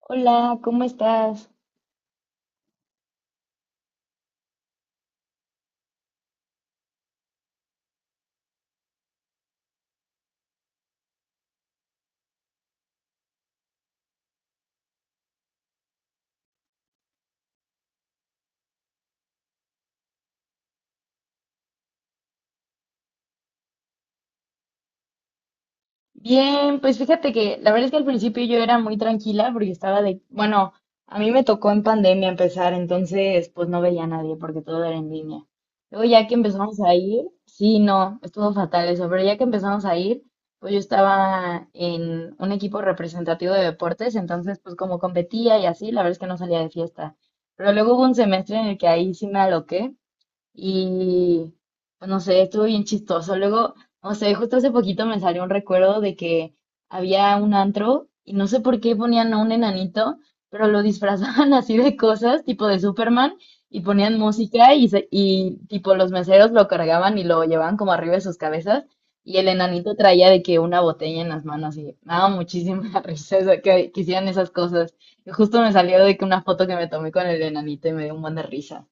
Hola, ¿cómo estás? Bien, pues fíjate que la verdad es que al principio yo era muy tranquila porque estaba de, bueno, a mí me tocó en pandemia empezar, entonces pues no veía a nadie porque todo era en línea. Luego ya que empezamos a ir, sí, no, estuvo fatal eso, pero ya que empezamos a ir, pues yo estaba en un equipo representativo de deportes, entonces pues como competía y así, la verdad es que no salía de fiesta. Pero luego hubo un semestre en el que ahí sí me aloqué. Y pues, no sé, estuvo bien chistoso. Luego, no sé, justo hace poquito me salió un recuerdo de que había un antro y no sé por qué ponían a un enanito, pero lo disfrazaban así de cosas, tipo de Superman, y ponían música y, y tipo los meseros lo cargaban y lo llevaban como arriba de sus cabezas. Y el enanito traía de que una botella en las manos y me daba muchísima risa, o sea, que hicieran esas cosas. Y justo me salió de que una foto que me tomé con el enanito y me dio un buen de risa.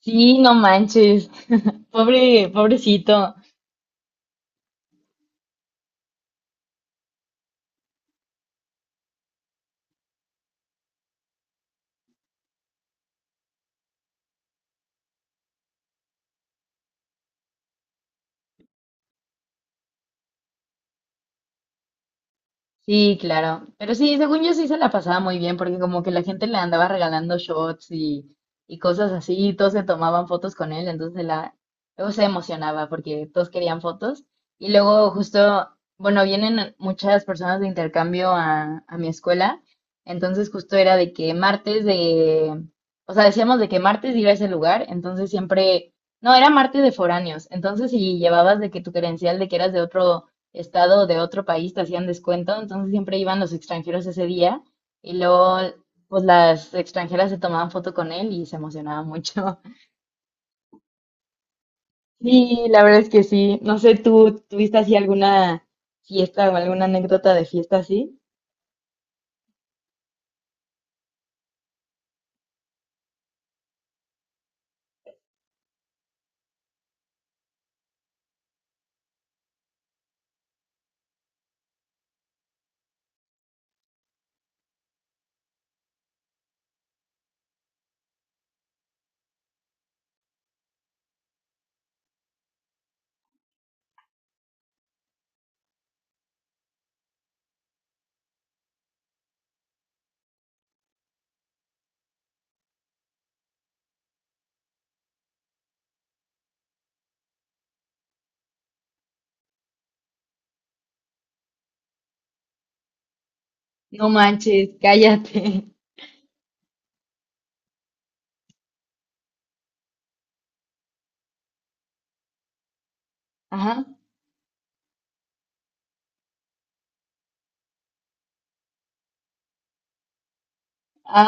Sí, no manches. Pobre, pobrecito. Sí, claro. Pero sí, según yo sí se la pasaba muy bien, porque como que la gente le andaba regalando shots y cosas así, y todos se tomaban fotos con él, entonces la, luego se emocionaba porque todos querían fotos. Y luego justo, bueno, vienen muchas personas de intercambio a mi escuela, entonces justo era de que martes de, o sea, decíamos de que martes iba a ese lugar, entonces siempre, no, era martes de foráneos, entonces si llevabas de que tu credencial de que eras de otro estado o de otro país te hacían descuento, entonces siempre iban los extranjeros ese día y luego pues las extranjeras se tomaban foto con él y se emocionaban mucho. Sí, la verdad es que sí. No sé, ¿tú tuviste así alguna fiesta o alguna anécdota de fiesta así? No manches, cállate. Ajá.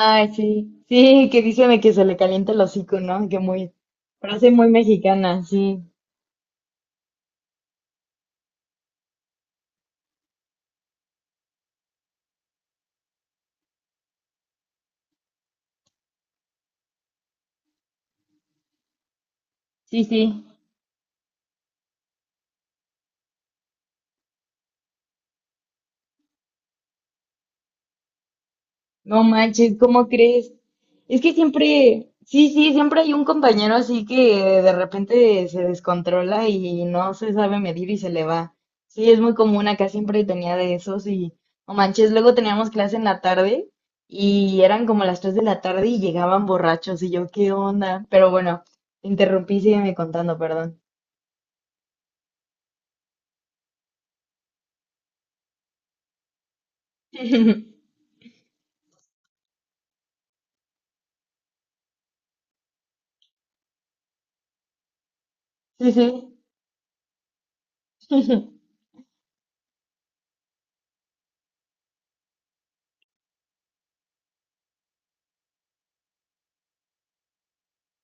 Ay, sí. Sí, que dicen de que se le calienta el hocico, ¿no? Que muy, frase muy mexicana, sí. Sí, sí. No manches, ¿cómo crees? Es que siempre, sí, sí, siempre hay un compañero así que de repente se descontrola y no se sabe medir y se le va. Sí, es muy común, acá siempre tenía de esos y, no manches, luego teníamos clase en la tarde y eran como las 3 de la tarde y llegaban borrachos y yo, ¿qué onda? Pero bueno, te interrumpí, sígueme contando, perdón. Sí, sí.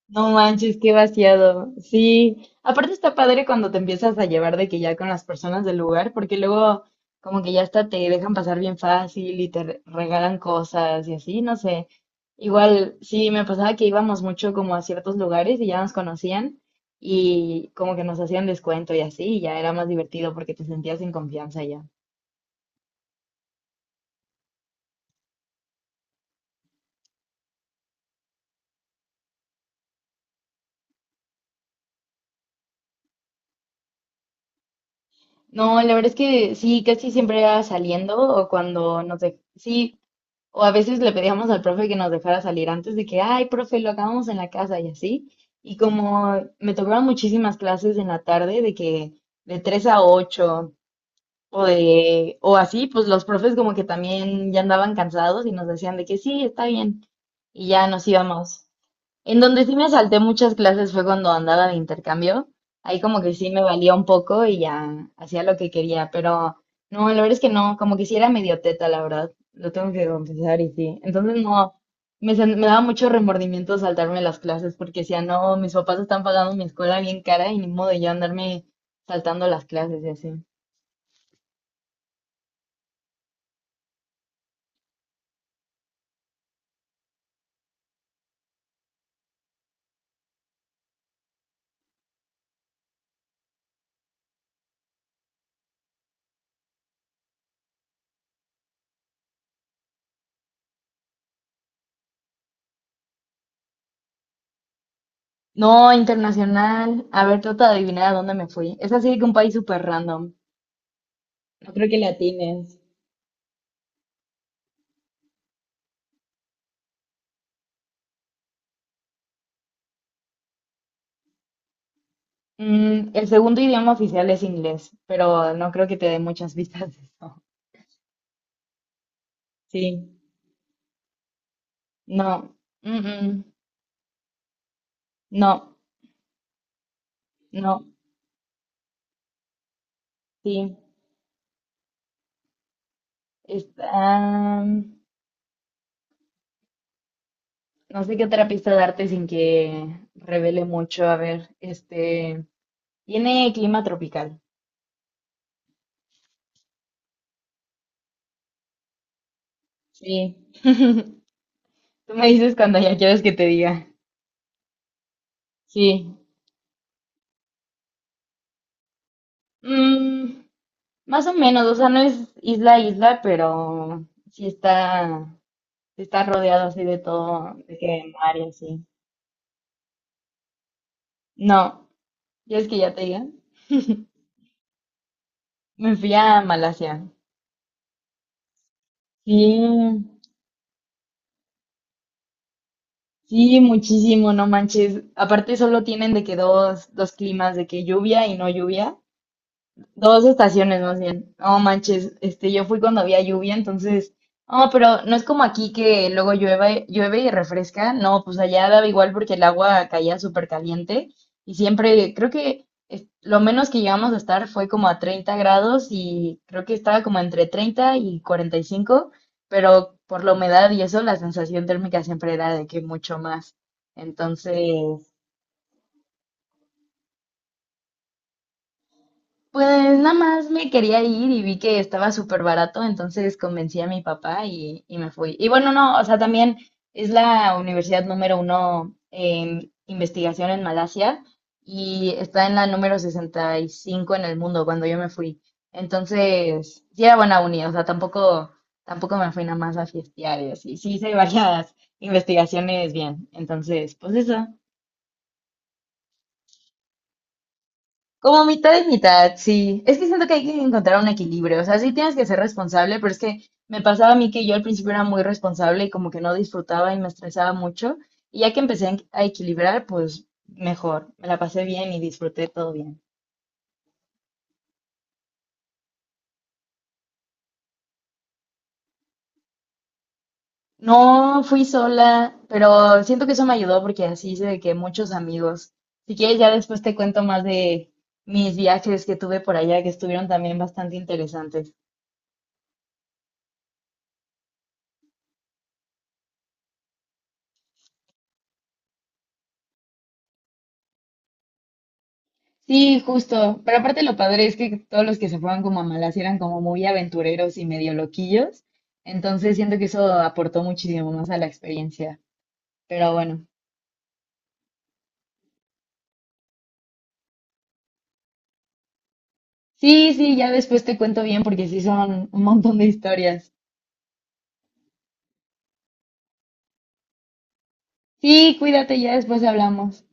No manches, qué vaciado. Sí, aparte está padre cuando te empiezas a llevar de que ya con las personas del lugar, porque luego como que ya hasta te dejan pasar bien fácil y te regalan cosas y así, no sé. Igual, sí, me pasaba que íbamos mucho como a ciertos lugares y ya nos conocían y como que nos hacían descuento y así, y ya era más divertido porque te sentías en confianza ya. No, la verdad es que sí, casi siempre era saliendo o cuando nos de... sí, o a veces le pedíamos al profe que nos dejara salir antes de que, ay, profe, lo acabamos en la casa y así. Y como me tocaban muchísimas clases en la tarde de que de 3 a 8 o así, pues los profes como que también ya andaban cansados y nos decían de que sí, está bien. Y ya nos íbamos. En donde sí me salté muchas clases fue cuando andaba de intercambio. Ahí como que sí me valía un poco y ya hacía lo que quería, pero no, la verdad es que no, como que sí era medio teta, la verdad. Lo tengo que confesar y sí. Entonces no, me, me daba mucho remordimiento saltarme las clases porque decía, no, mis papás están pagando mi escuela bien cara y ni modo de yo andarme saltando las clases y así. No, internacional. A ver, trata de adivinar a dónde me fui. Es así de que un país súper random. No creo que le atines. El segundo idioma oficial es inglés, pero no creo que te dé muchas vistas de eso. Sí, no, mm, mm, no, no, sí. Está, no sé qué otra pista darte sin que revele mucho. A ver, tiene clima tropical. Sí. Tú me dices cuando ya quieres que te diga. Sí. Mm, más o menos, o sea, no es isla a isla, pero sí está. Estás rodeado así de todo, de que mar y así. No, ya es que ya te diga. Me fui a Malasia. Sí, sí, muchísimo, no manches. Aparte solo tienen de que dos climas, de que lluvia y no lluvia. Dos estaciones más bien. No manches, este, yo fui cuando había lluvia, entonces, no, pero no es como aquí que luego llueve, llueve y refresca. No, pues allá daba igual porque el agua caía súper caliente y siempre, creo que lo menos que llegamos a estar fue como a 30 grados y creo que estaba como entre 30 y 45, pero por la humedad y eso, la sensación térmica siempre era de que mucho más. Entonces, pues nada más me quería ir y vi que estaba súper barato, entonces convencí a mi papá y me fui. Y bueno, no, o sea, también es la universidad número uno en investigación en Malasia y está en la número 65 en el mundo cuando yo me fui. Entonces, sí era buena uni, o sea, tampoco, tampoco me fui nada más a fiestear y así. Sí hice varias investigaciones bien, entonces, pues eso. Como mitad y mitad, sí. Es que siento que hay que encontrar un equilibrio. O sea, sí tienes que ser responsable, pero es que me pasaba a mí que yo al principio era muy responsable y como que no disfrutaba y me estresaba mucho. Y ya que a equilibrar, pues mejor. Me la pasé bien y disfruté todo bien. No fui sola, pero siento que eso me ayudó porque así hice de que muchos amigos. Si quieres, ya después te cuento más de mis viajes que tuve por allá, que estuvieron también bastante interesantes. Sí, justo. Pero aparte lo padre es que todos los que se fueron como a Malasia eran como muy aventureros y medio loquillos. Entonces siento que eso aportó muchísimo más a la experiencia. Pero bueno. Sí, sí, ya después te cuento bien porque sí son un montón de historias. Sí, cuídate, ya después hablamos.